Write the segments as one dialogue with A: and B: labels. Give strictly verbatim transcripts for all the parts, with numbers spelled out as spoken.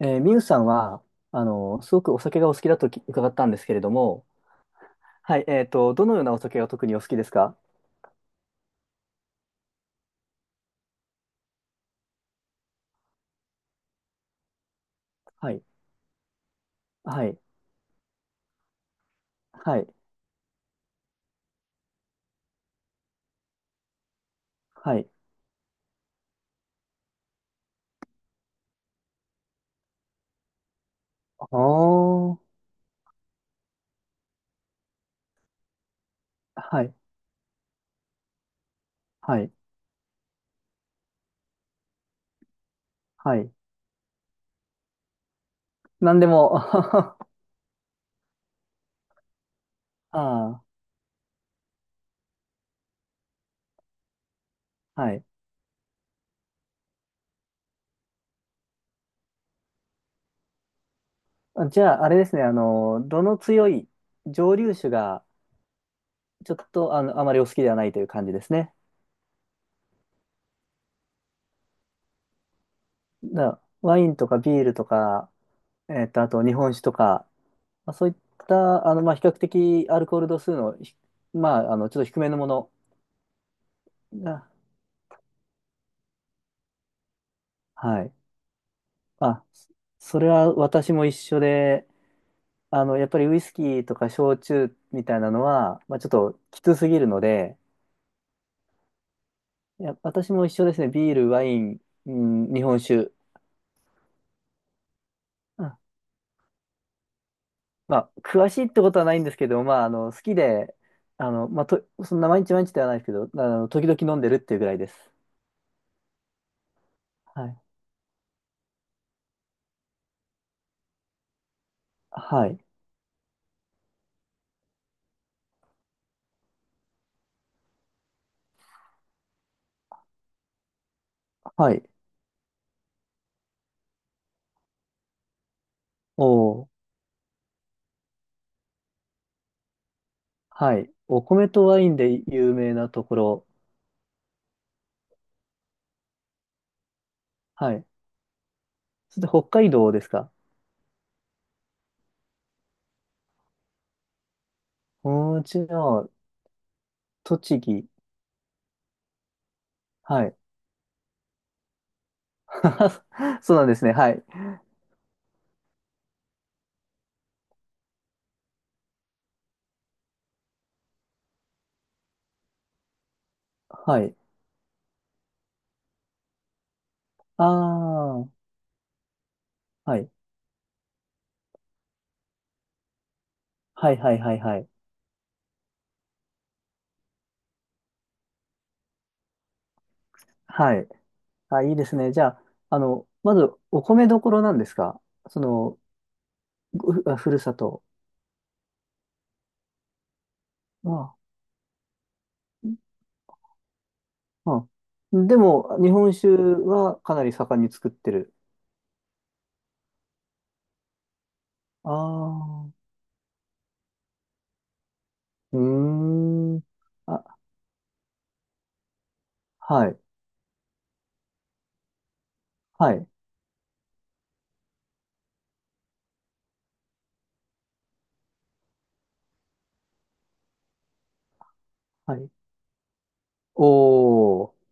A: えー、ミユさんは、あの、すごくお酒がお好きだとき伺ったんですけれども、はい、えっと、どのようなお酒が特にお好きですか？はい、はい、はい、はい。あー、はい、はい、はい。なんでも、ああ、はい。じゃあ、あれですね、あの、どの強い蒸留酒が、ちょっと、あの、あまりお好きではないという感じですね。だ、ワインとかビールとか、えっと、あと日本酒とか、まあ、そういった、あの、まあ、比較的アルコール度数のひ、まあ、あの、ちょっと低めのものが、はい。まあ、そそれは私も一緒で、あの、やっぱりウイスキーとか焼酎みたいなのは、まあ、ちょっときつすぎるので、いや、私も一緒ですね。ビール、ワイン、うん、日本酒。うん、まあ、詳しいってことはないんですけど、まあ、あの、好きで、あの、まあ、と、そんな毎日毎日ではないですけど、あの、時々飲んでるっていうぐらいです。はい。はい。はい。おー、はい。お米とワインで有名なところ。はい。そして北海道ですか？うちの栃木。はい。そうなんですね。はい。はい。ああ、はい。はいはいはいはい。はい。あ、いいですね。じゃあ、あの、まず、お米どころなんですか？その、ふ、あふるさと。ああ、あでも、日本酒はかなり盛んに作ってる。ああ、うーん。あ、はい。はい。はい。おー、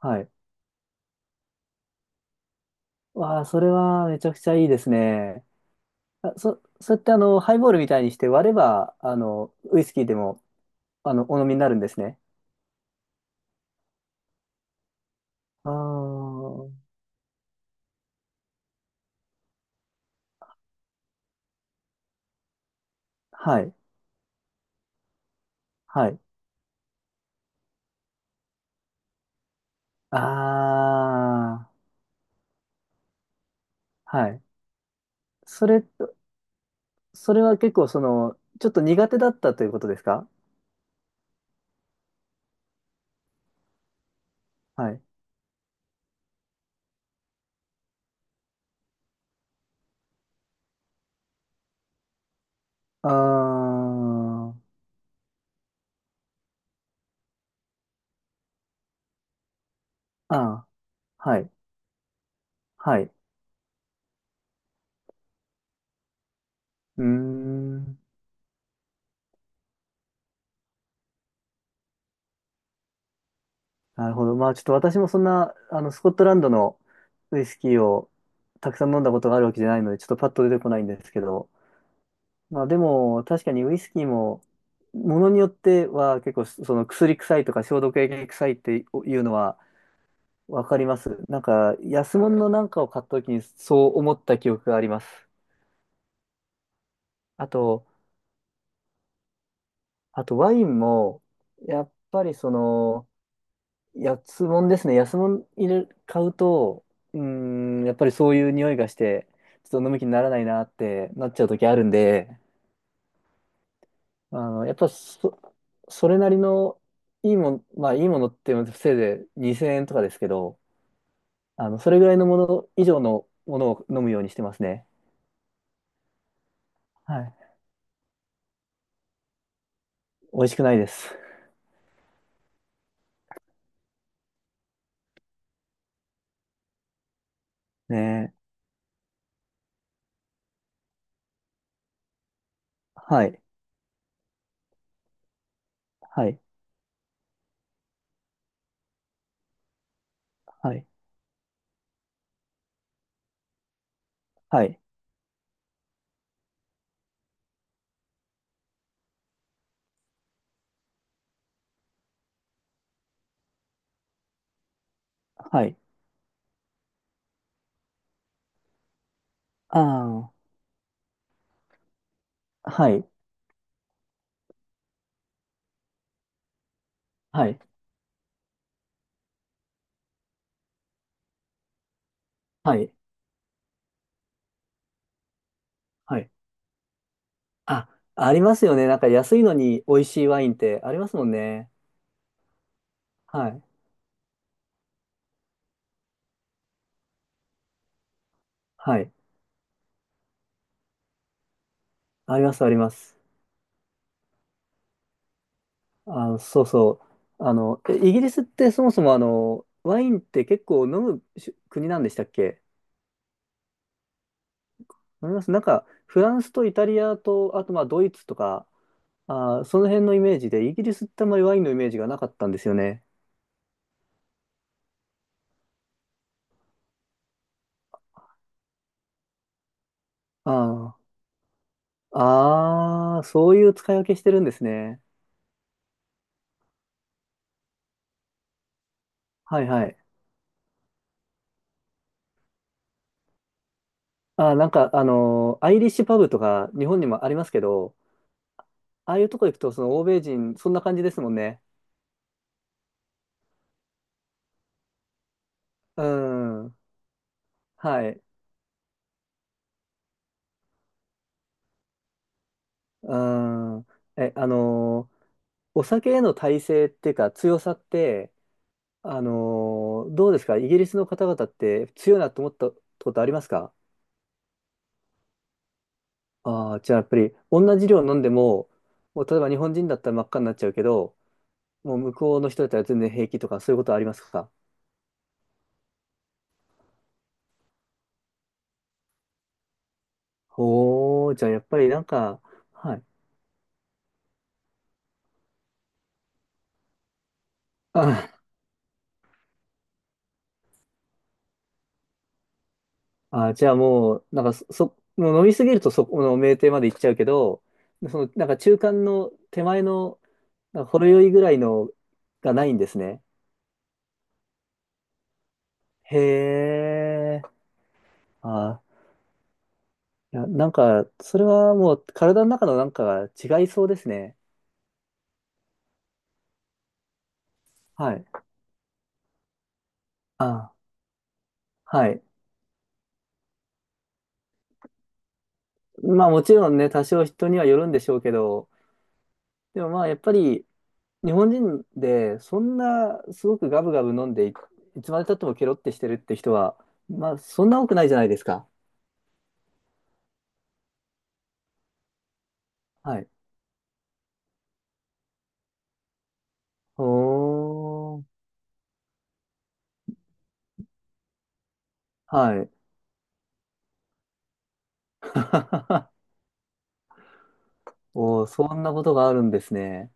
A: はい。わあ、それはめちゃくちゃいいですね。あ、そ、それってあの、ハイボールみたいにして割れば、あの、ウイスキーでも、あの、お飲みになるんですね。ああ、はい、はい。ああ、はい。それ、それは結構その、ちょっと苦手だったということですか？はい。ああ、ああ、はい、はい。うーん。なるほど。まあちょっと私もそんな、あの、スコットランドのウイスキーをたくさん飲んだことがあるわけじゃないので、ちょっとパッと出てこないんですけど、まあでも確かにウイスキーも、ものによっては結構その薬臭いとか消毒液臭いっていうのはわかります。なんか安物のなんかを買った時にそう思った記憶があります。あと、あとワインも、やっぱりその、安物ですね。安物入れ、買うと、うーん、やっぱりそういう匂いがして、ちょっと飲む気にならないなってなっちゃう時あるんで、あの、やっぱそ、それなりのいいもん、まあいいものってせいでにせんえんとかですけど、あの、それぐらいのもの以上のものを飲むようにしてますね。はい。美味しくないです。ねえ。はい。はい。はい。はい。はい。ああ。はい。はい。はい。はい。あ、ありますよね。なんか安いのに美味しいワインってありますもんね。はい。はい。あります、あります。あの、そうそう。あの、えイギリスってそもそもあの、ワインって結構飲むし国なんでしたっけ？飲みます。なんか、フランスとイタリアと、あとまあドイツとか、あー、その辺のイメージで、イギリスってあんまりワインのイメージがなかったんですよね。ああ、ああ、そういう使い分けしてるんですね。はいはい。あー、なんか、あのーアイリッシュパブとか日本にもありますけど、ああいうとこ行くと、その欧米人、そんな感じですもんね。うん。はい。うん。え、あのーお酒への耐性っていうか強さって、あのーどうですかイギリスの方々って強いなと思ったことありますか？ああー、じゃあやっぱり同じ量飲んでも、もう例えば日本人だったら真っ赤になっちゃうけど、もう向こうの人だったら全然平気とかそういうことありますか？おー、じゃあやっぱりなんか、はい。ああ、じゃあもう、なんかそ、そもう飲みすぎるとそこの酩酊まで行っちゃうけど、その、なんか中間の手前の、なんかほろ酔いぐらいのがないんですね。へえ。あ、いや、なんか、それはもう体の中のなんかが違いそうですね。はい。あ、はい。まあもちろんね、多少人にはよるんでしょうけど、でもまあやっぱり日本人でそんなすごくガブガブ飲んでい、いつまで経ってもケロってしてるって人は、まあそんな多くないじゃないですか。はい。おー。はい。おー、そんなことがあるんですね。